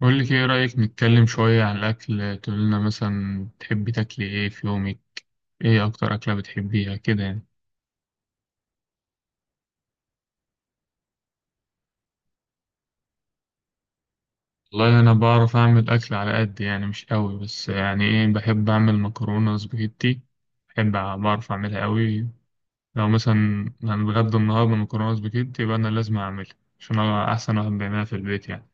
بقول لك، ايه رأيك نتكلم شوية عن الأكل؟ تقول لنا مثلا تحبي تاكلي ايه في يومك؟ ايه أكتر أكلة بتحبيها كده يعني؟ والله أنا بعرف أعمل أكل على قد يعني، مش قوي، بس يعني ايه، بحب أعمل مكرونة سباجيتي. بعرف أعملها قوي. لو مثلا هنتغدى النهاردة مكرونة سباجيتي يبقى أنا لازم أعملها، عشان أنا أحسن واحد بيعملها في البيت يعني.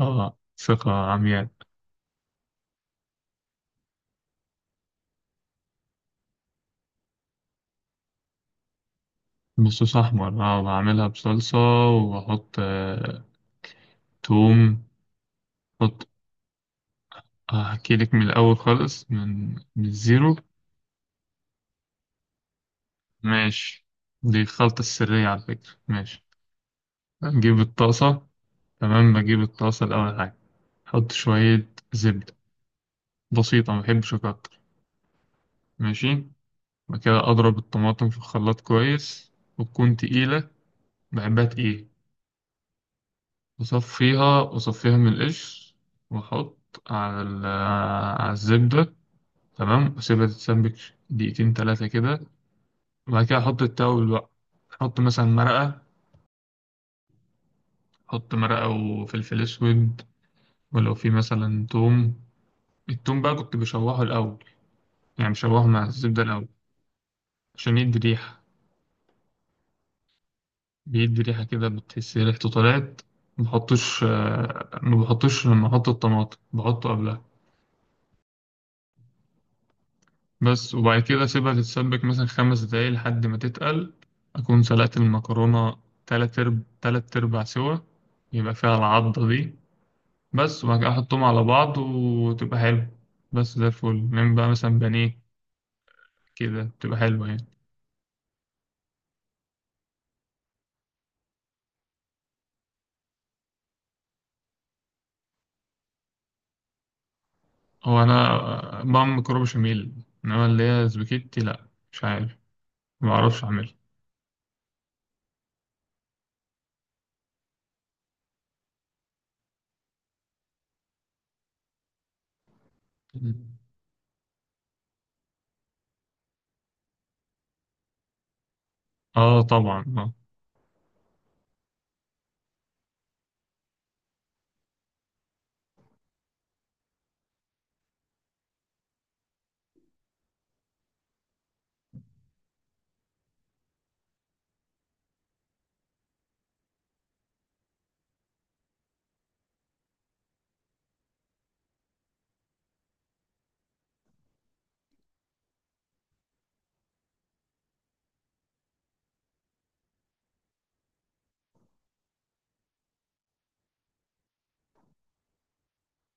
اه، ثقة عمياء. بصوص أحمر، اه، بعملها بصلصة. وأحط توم. أحكي لك من الأول خالص، من الزيرو. ماشي. دي الخلطة السرية على فكرة، ماشي. بجيب الطاسة. تمام، بجيب الطاسة الأول حاجة. أحط شوية زبدة بسيطة، ما بحبش أكتر. ماشي. بعد كده أضرب الطماطم في الخلاط كويس، وتكون تقيلة، بحبها تقيلة. وأصفيها من القشر، وأحط على ال- على الزبدة. تمام، وأسيبها تتسبك دقيقتين تلاتة كده. وبعد كده أحط التوابل بقى، أحط مثلا مرقة، حط مرقة وفلفل أسود. ولو في مثلا توم، التوم بقى كنت بشوحه الأول، يعني بشوحه مع الزبدة الأول. عشان يدي ريحة، بيدي ريحة كده، بتحس ريحته طلعت. مبحطوش لما أحط الطماطم، بحطه قبلها. بس، وبعد كده أسيبها تتسبك مثلا 5 دقايق لحد ما تتقل، أكون سلقت المكرونة تلات أرباع سوا، يبقى فيها العضة دي. بس، وبعد كده أحطهم على بعض وتبقى حلو. بس ده الفل. نعمل بقى مثلا بانيه، كده بتبقى حلوة يعني. هو أنا بعمل مكرونة بشاميل، إنما اللي هي سباكيتي لأ، مش عارف، معرفش أعملها. آه طبعا، آه.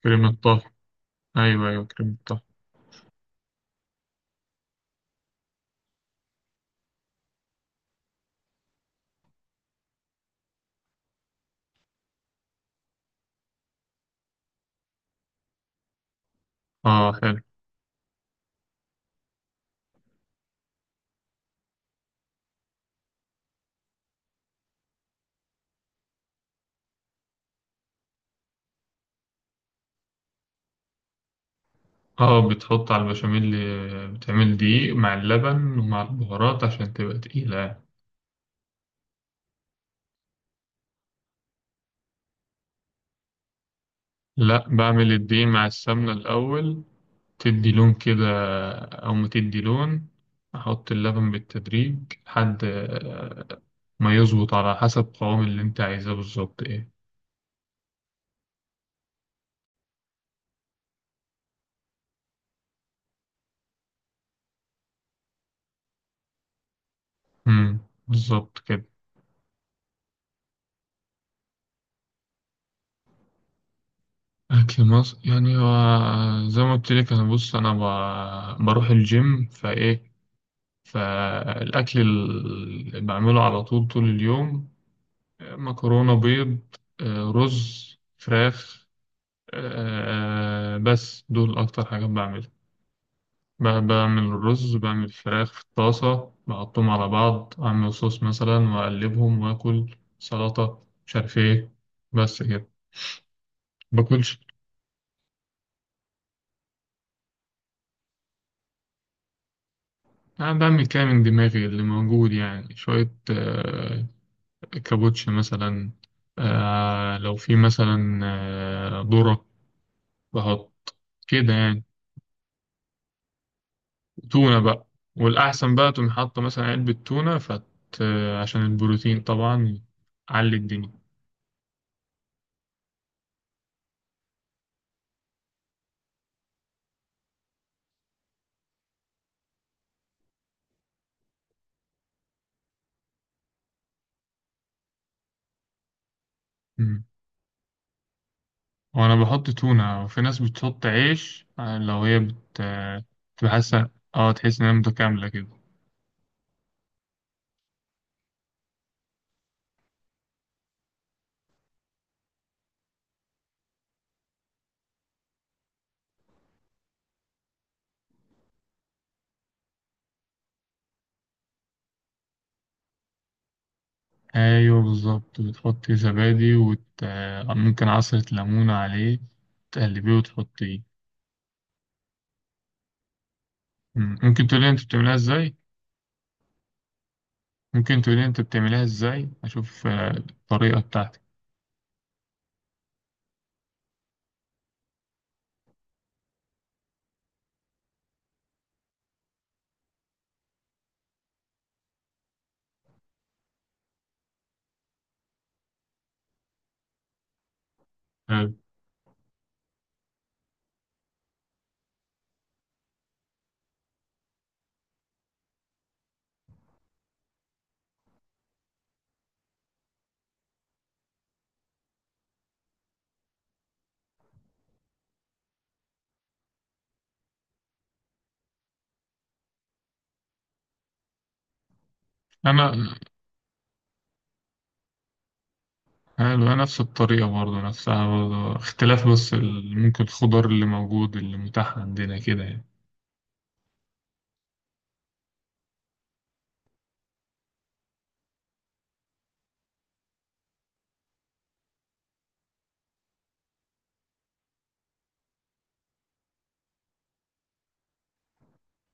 كريمة طهي. أيوه، أيوه، كريمة طهي. آه، حلو. آه، بتحط على البشاميل، بتعمل دقيق مع اللبن ومع البهارات عشان تبقى تقيلة يعني. لأ، بعمل الدقيق مع السمنة الأول، تدي لون كده أو ما تدي لون. أحط اللبن بالتدريج لحد ما يظبط على حسب قوام اللي أنت عايزاه بالظبط إيه. مم. بالظبط كده. أكل مصر يعني هو زي ما قلت لك. أنا بص، أنا بروح الجيم، فإيه فالأكل اللي بعمله على طول طول اليوم، مكرونة، بيض، رز، فراخ. بس دول أكتر حاجات بعملها. بعمل الرز بعمل الفراخ في الطاسة، بحطهم على بعض، أعمل صوص مثلا وأقلبهم، وآكل سلطة مش عارف إيه. بس كده. باكلش. أنا بعمل كده من دماغي، اللي موجود يعني، شوية كابوتشي مثلا، لو في مثلا، ذرة، بحط كده يعني. تونة بقى، والأحسن بقى تقوم حاطة مثلا علبة تونة، عشان البروتين طبعا، علي الدنيا. مم. وأنا بحط تونة، وفي ناس بتحط عيش لو هي بتبقى حاسة، اه، تحس إنها متكاملة كده. أيوه بالظبط، بتحطي زبادي، ممكن عصرة ليمون عليه، تقلبيه وتحطيه. مم. ممكن تقولي انت بتعملها ازاي؟ ممكن تقولي انت بتعملها ازاي، اشوف الطريقة بتاعتك. حلو. انا حلو، انا نفس الطريقة برضه، نفسها برضه، اختلاف بس ممكن الخضار اللي موجود، اللي متاح عندنا كده يعني.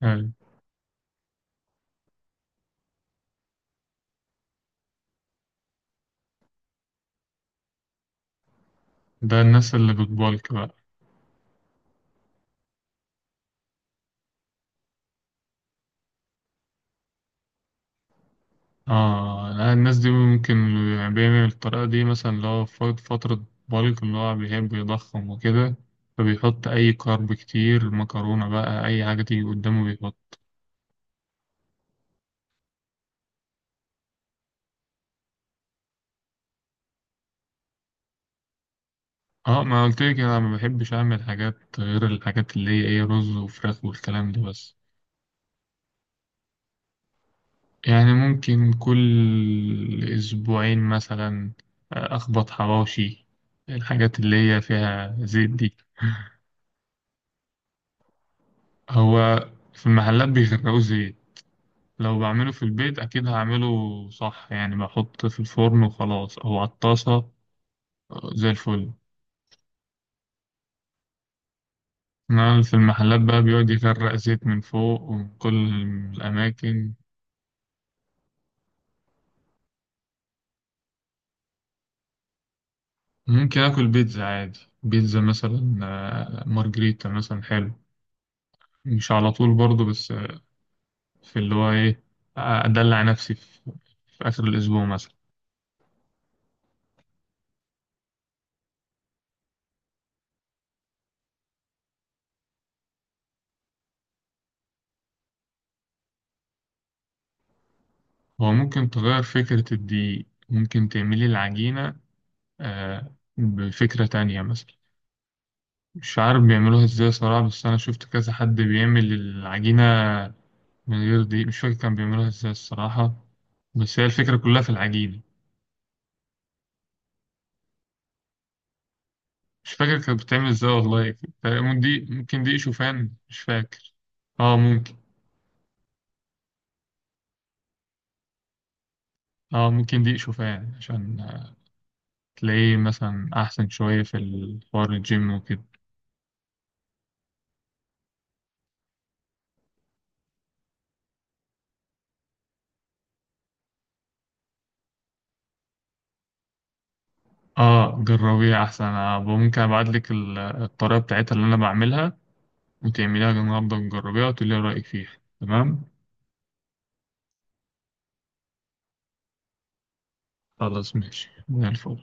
حلو. ده الناس اللي بتبالك بقى. اه، لا، الناس دي ممكن اللي بيعمل الطريقة دي، مثلا اللي هو في فترة بالك اللي هو بيحب يضخم وكده، فبيحط أي كارب كتير، مكرونة بقى أي حاجة تيجي قدامه. اه، ما قلت لك انا ما بحبش اعمل حاجات غير الحاجات اللي هي ايه، رز وفراخ والكلام ده بس. يعني ممكن كل اسبوعين مثلا اخبط حواوشي، الحاجات اللي هي فيها زيت دي. هو في المحلات بيغرقوا زيت، لو بعمله في البيت اكيد هعمله صح، يعني بحط في الفرن وخلاص او على الطاسة، زي الفل. انما في المحلات بقى بيقعد يغرق زيت من فوق ومن كل الاماكن. ممكن آكل بيتزا عادي، بيتزا مثلا مارجريتا مثلا، حلو. مش على طول برضه، بس في اللي هو إيه، أدلع نفسي في آخر الأسبوع مثلا. هو ممكن تغير فكرة الدقيق، ممكن تعملي العجينة بفكرة تانية مثلا. مش عارف بيعملوها إزاي صراحة، بس أنا شفت كذا حد بيعمل العجينة من غير دقيق. مش فاكر كان بيعملوها إزاي الصراحة، بس هي الفكرة كلها في العجينة. مش فاكر كانت بتتعمل ازاي والله. تقريباً دي ممكن دي شوفان، مش فاكر. اه ممكن. اه ممكن دي شوفان عشان تلاقيه مثلا احسن شوية في الحوار الجيم وكده. اه جربيها احسن، آه ممكن ابعت لك الطريقة بتاعتها اللي انا بعملها، وتعمليها النهارده وتجربيها وتقولي رأيك فيها. تمام. خلاص ماشي زي الفل.